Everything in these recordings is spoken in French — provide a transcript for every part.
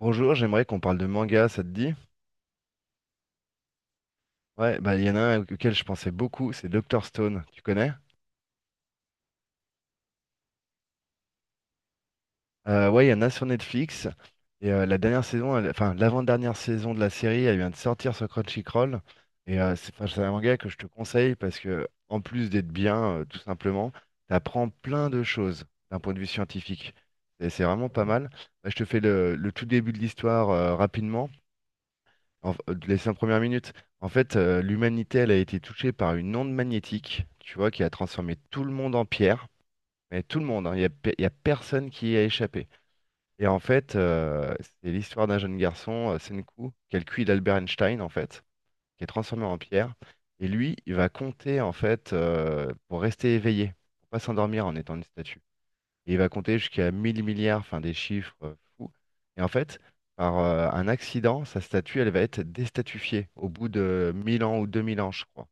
Bonjour, j'aimerais qu'on parle de manga, ça te dit? Ouais, bah il y en a un auquel je pensais beaucoup, c'est Doctor Stone, tu connais? Ouais, il y en a sur Netflix. Et la dernière saison, enfin l'avant-dernière saison de la série, elle vient de sortir sur Crunchyroll. Et c'est enfin, c'est un manga que je te conseille parce que en plus d'être bien, tout simplement, t'apprends plein de choses d'un point de vue scientifique. Et c'est vraiment pas mal. Bah, je te fais le tout début de l'histoire rapidement. En Les cinq premières minutes, en fait, l'humanité, elle a été touchée par une onde magnétique, tu vois, qui a transformé tout le monde en pierre. Mais tout le monde, hein, il y a personne qui y a échappé. Et en fait, c'est l'histoire d'un jeune garçon, Senku, qui est le QI d'Albert Einstein, en fait, qui est transformé en pierre. Et lui, il va compter, en fait, pour rester éveillé, pour pas s'endormir en étant une statue. Et il va compter jusqu'à 1000 milliards, enfin des chiffres fous. Et en fait, par un accident, sa statue, elle va être déstatifiée au bout de 1000 ans ou 2000 ans, je crois.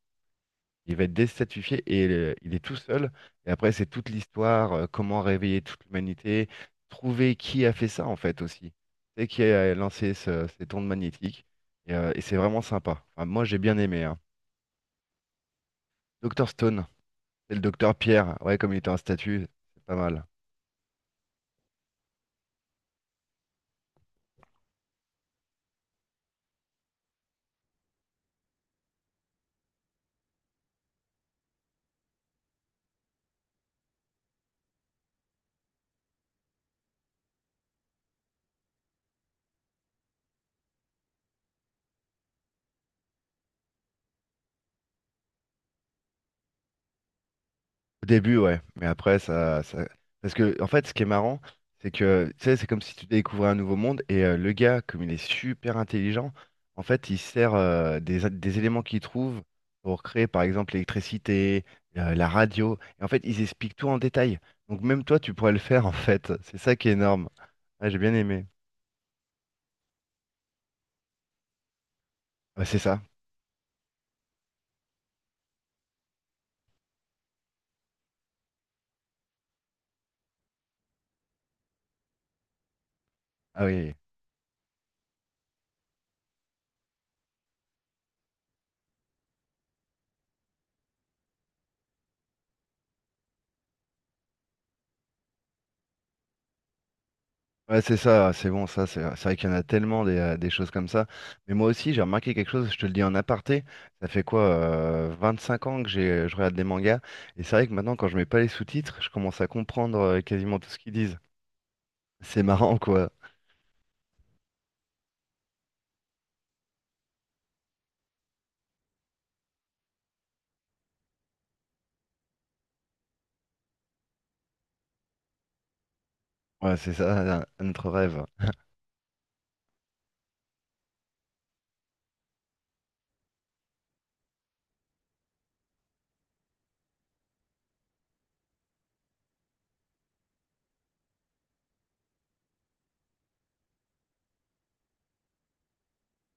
Il va être déstatifié et il est tout seul. Et après, c'est toute l'histoire, comment réveiller toute l'humanité, trouver qui a fait ça, en fait, aussi. C'est qui a lancé ces ondes magnétiques. Et c'est vraiment sympa. Enfin, moi, j'ai bien aimé, hein. Dr Stone. C'est le docteur Pierre. Ouais, comme il était en statut, c'est pas mal. Au début, ouais, mais après, ça... Parce que, en fait, ce qui est marrant, c'est que, tu sais, c'est comme si tu découvrais un nouveau monde, et le gars, comme il est super intelligent, en fait, il sert des éléments qu'il trouve pour créer, par exemple, l'électricité, la radio, et en fait, ils expliquent tout en détail. Donc, même toi, tu pourrais le faire, en fait. C'est ça qui est énorme. Ah, j'ai bien aimé. Ouais, c'est ça. Ah oui. Oui, oui. Ouais, c'est ça, c'est bon, ça, c'est vrai qu'il y en a tellement des choses comme ça. Mais moi aussi, j'ai remarqué quelque chose, je te le dis en aparté, ça fait quoi, 5 ans que je regarde des mangas, et c'est vrai que maintenant, quand je mets pas les sous-titres, je commence à comprendre quasiment tout ce qu'ils disent. C'est marrant, quoi. Ouais, c'est ça, notre rêve.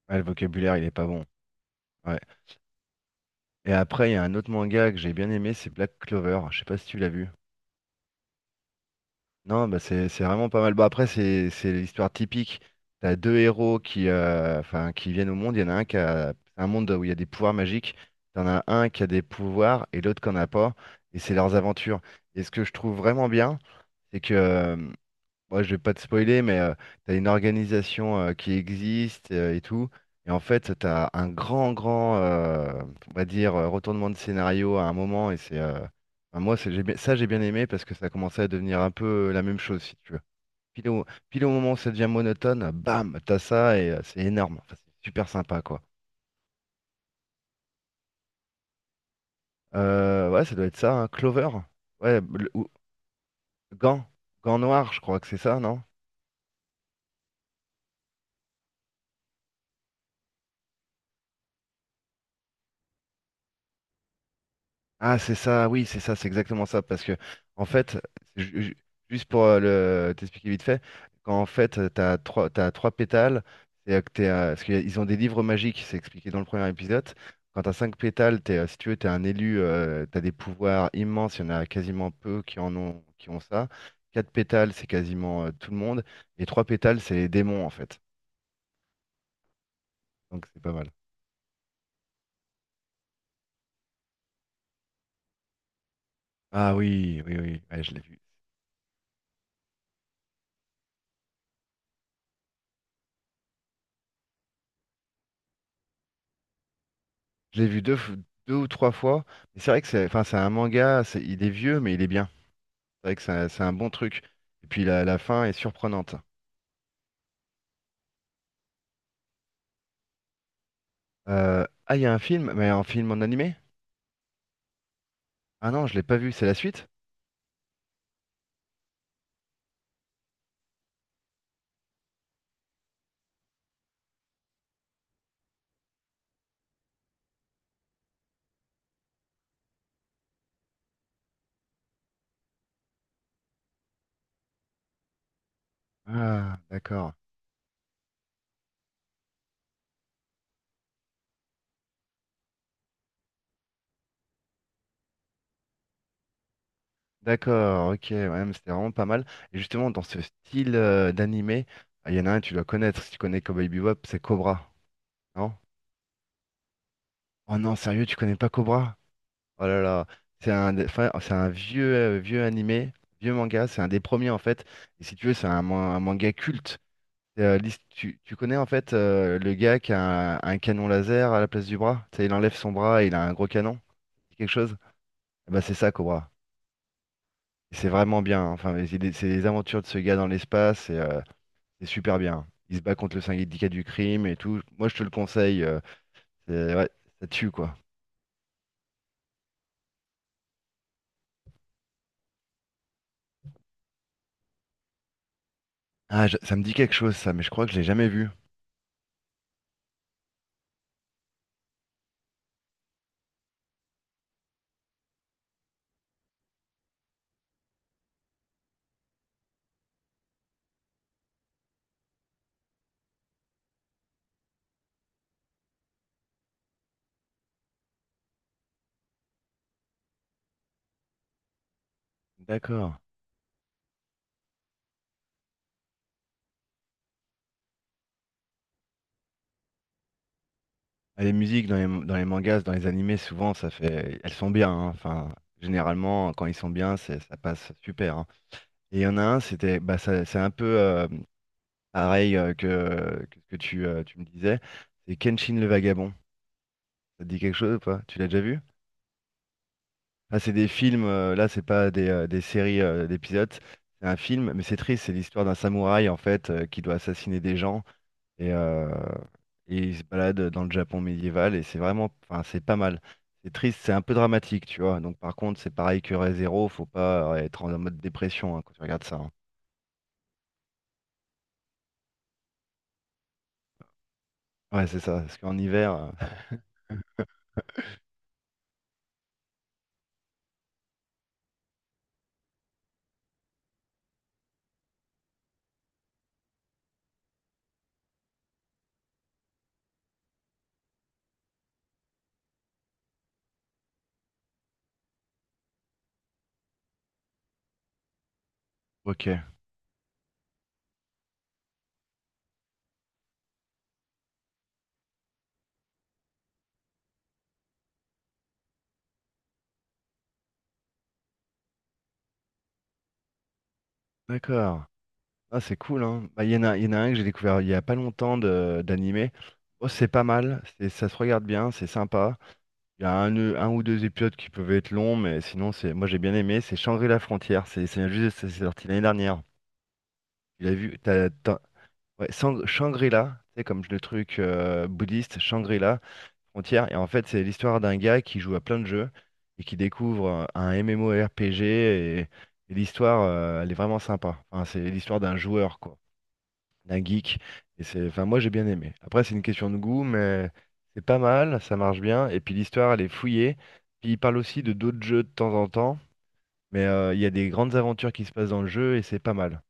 Ouais, le vocabulaire, il est pas bon. Ouais. Et après, il y a un autre manga que j'ai bien aimé, c'est Black Clover, je sais pas si tu l'as vu. Non, bah c'est vraiment pas mal. Bon, après, c'est l'histoire typique. T'as deux héros qui, enfin, qui viennent au monde. Il y en a un qui a c'est un monde où il y a des pouvoirs magiques. T'en as un qui a des pouvoirs et l'autre qui en a pas. Et c'est leurs aventures. Et ce que je trouve vraiment bien, c'est que moi, je vais pas te spoiler, mais tu as une organisation qui existe et tout. Et en fait, t'as un grand, grand, on va dire, retournement de scénario à un moment. Et c'est, enfin, moi, ça, j'ai bien aimé parce que ça commençait à devenir un peu la même chose, si tu veux. Pile au moment où ça devient monotone, bam, t'as ça et c'est énorme. Enfin, c'est super sympa, quoi. Ouais, ça doit être ça, hein. Clover. Ouais, Gant. Gant noir, je crois que c'est ça, non? Ah, c'est ça, oui, c'est ça, c'est exactement ça. Parce que, en fait, ju- ju- juste pour le t'expliquer vite fait, quand en fait, t'as trois pétales, c'est que t'es, parce qu'ils ont des livres magiques, c'est expliqué dans le premier épisode. Quand t'as cinq pétales, t'es, si tu veux, t'es un élu, t'as des pouvoirs immenses, il y en a quasiment peu qui en ont, qui ont ça. Quatre pétales, c'est quasiment tout le monde. Et trois pétales, c'est les démons, en fait. Donc, c'est pas mal. Ah oui, oui, oui, ouais, je l'ai vu. Je l'ai vu deux ou trois fois. Mais c'est vrai que c'est, enfin, c'est un manga, il est vieux, mais il est bien. C'est vrai que c'est un bon truc. Et puis la fin est surprenante. Ah, il y a un film, mais un film en animé? Ah non, je l'ai pas vu, c'est la suite? Ah, d'accord. D'accord, ok, ouais, mais c'était vraiment pas mal. Et justement, dans ce style d'animé, ah, il y en a un, tu dois connaître, si tu connais Cowboy Bebop, c'est Cobra, non? Oh non, sérieux, tu connais pas Cobra? Oh là là, c'est enfin, c'est un vieux, vieux animé, vieux manga, c'est un des premiers en fait. Et si tu veux, c'est un manga culte. Tu connais en fait le gars qui a un canon laser à la place du bras? Tu sais, il enlève son bras et il a un gros canon. C'est quelque chose? Eh ben, c'est ça, Cobra. Et c'est vraiment bien, hein. Enfin, mais c'est les aventures de ce gars dans l'espace et c'est super bien. Il se bat contre le syndicat du crime et tout. Moi, je te le conseille. Ouais, ça tue quoi. Ah, ça me dit quelque chose ça, mais je crois que je l'ai jamais vu. D'accord. Ah, les musiques dans les mangas, dans les animés, souvent, ça fait, elles sont bien, hein. Enfin, généralement, quand ils sont bien, ça passe super, hein. Et il y en a un, c'était, bah, c'est un peu pareil que ce que tu me disais. C'est Kenshin le Vagabond. Ça te dit quelque chose ou pas? Tu l'as déjà vu? Ah, c'est des films. Là, c'est pas des séries d'épisodes. C'est un film, mais c'est triste. C'est l'histoire d'un samouraï en fait qui doit assassiner des gens. Et, euh, et il se balade dans le Japon médiéval et c'est vraiment, enfin, c'est pas mal. C'est triste, c'est un peu dramatique, tu vois. Donc par contre, c'est pareil que Re:Zero, Zero, faut pas être en mode dépression hein, quand tu regardes ça, hein. Ouais, c'est ça, parce qu'en hiver, ok, d'accord. Ah, c'est cool, hein. Bah, il y en a un que j'ai découvert il y a pas longtemps d'animé. Oh, c'est pas mal, c'est, ça se regarde bien, c'est sympa. Il y a un ou deux épisodes qui peuvent être longs, mais sinon, c'est, moi j'ai bien aimé. C'est Shangri-La Frontière, c'est juste, c'est sorti l'année dernière. Tu l'as vu, Ouais, Shangri-La, c'est comme le truc bouddhiste, Shangri-La, frontière. Et en fait, c'est l'histoire d'un gars qui joue à plein de jeux et qui découvre un MMORPG. Et l'histoire, elle est vraiment sympa. Enfin, c'est l'histoire d'un joueur, quoi, d'un geek. Et c'est, enfin, moi, j'ai bien aimé. Après, c'est une question de goût, mais c'est pas mal, ça marche bien. Et puis, l'histoire, elle est fouillée. Puis, il parle aussi de d'autres jeux de temps en temps. Mais il y a des grandes aventures qui se passent dans le jeu et c'est pas mal.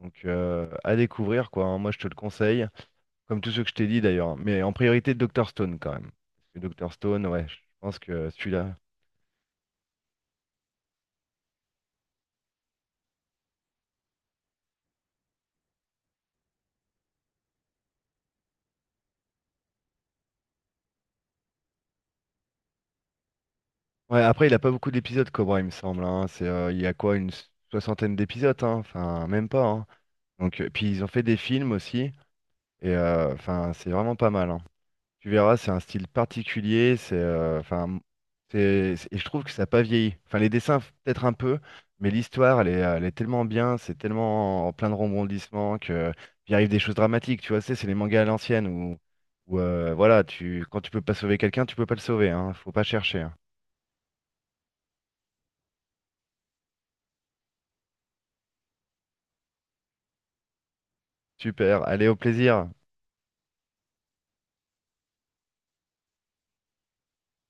Donc, à découvrir, quoi, hein. Moi, je te le conseille. Comme tous ceux que je t'ai dit d'ailleurs, hein, mais en priorité Dr Stone quand même. Parce que Dr Stone, ouais, je pense que celui-là. Ouais, après il a pas beaucoup d'épisodes Cobra, il me semble, hein. C'est, il y a quoi, une soixantaine d'épisodes, hein. Enfin, même pas, hein. Donc, puis ils ont fait des films aussi, et enfin, c'est vraiment pas mal, hein. Tu verras, c'est un style particulier, c'est enfin et je trouve que ça n'a pas vieilli. Enfin les dessins peut-être un peu, mais l'histoire elle est tellement bien, c'est tellement en plein de rebondissements que il arrive des choses dramatiques, tu vois, c'est les mangas à l'ancienne où, voilà, tu quand tu peux pas sauver quelqu'un, tu peux pas le sauver hein, faut pas chercher, hein. Super, allez au plaisir.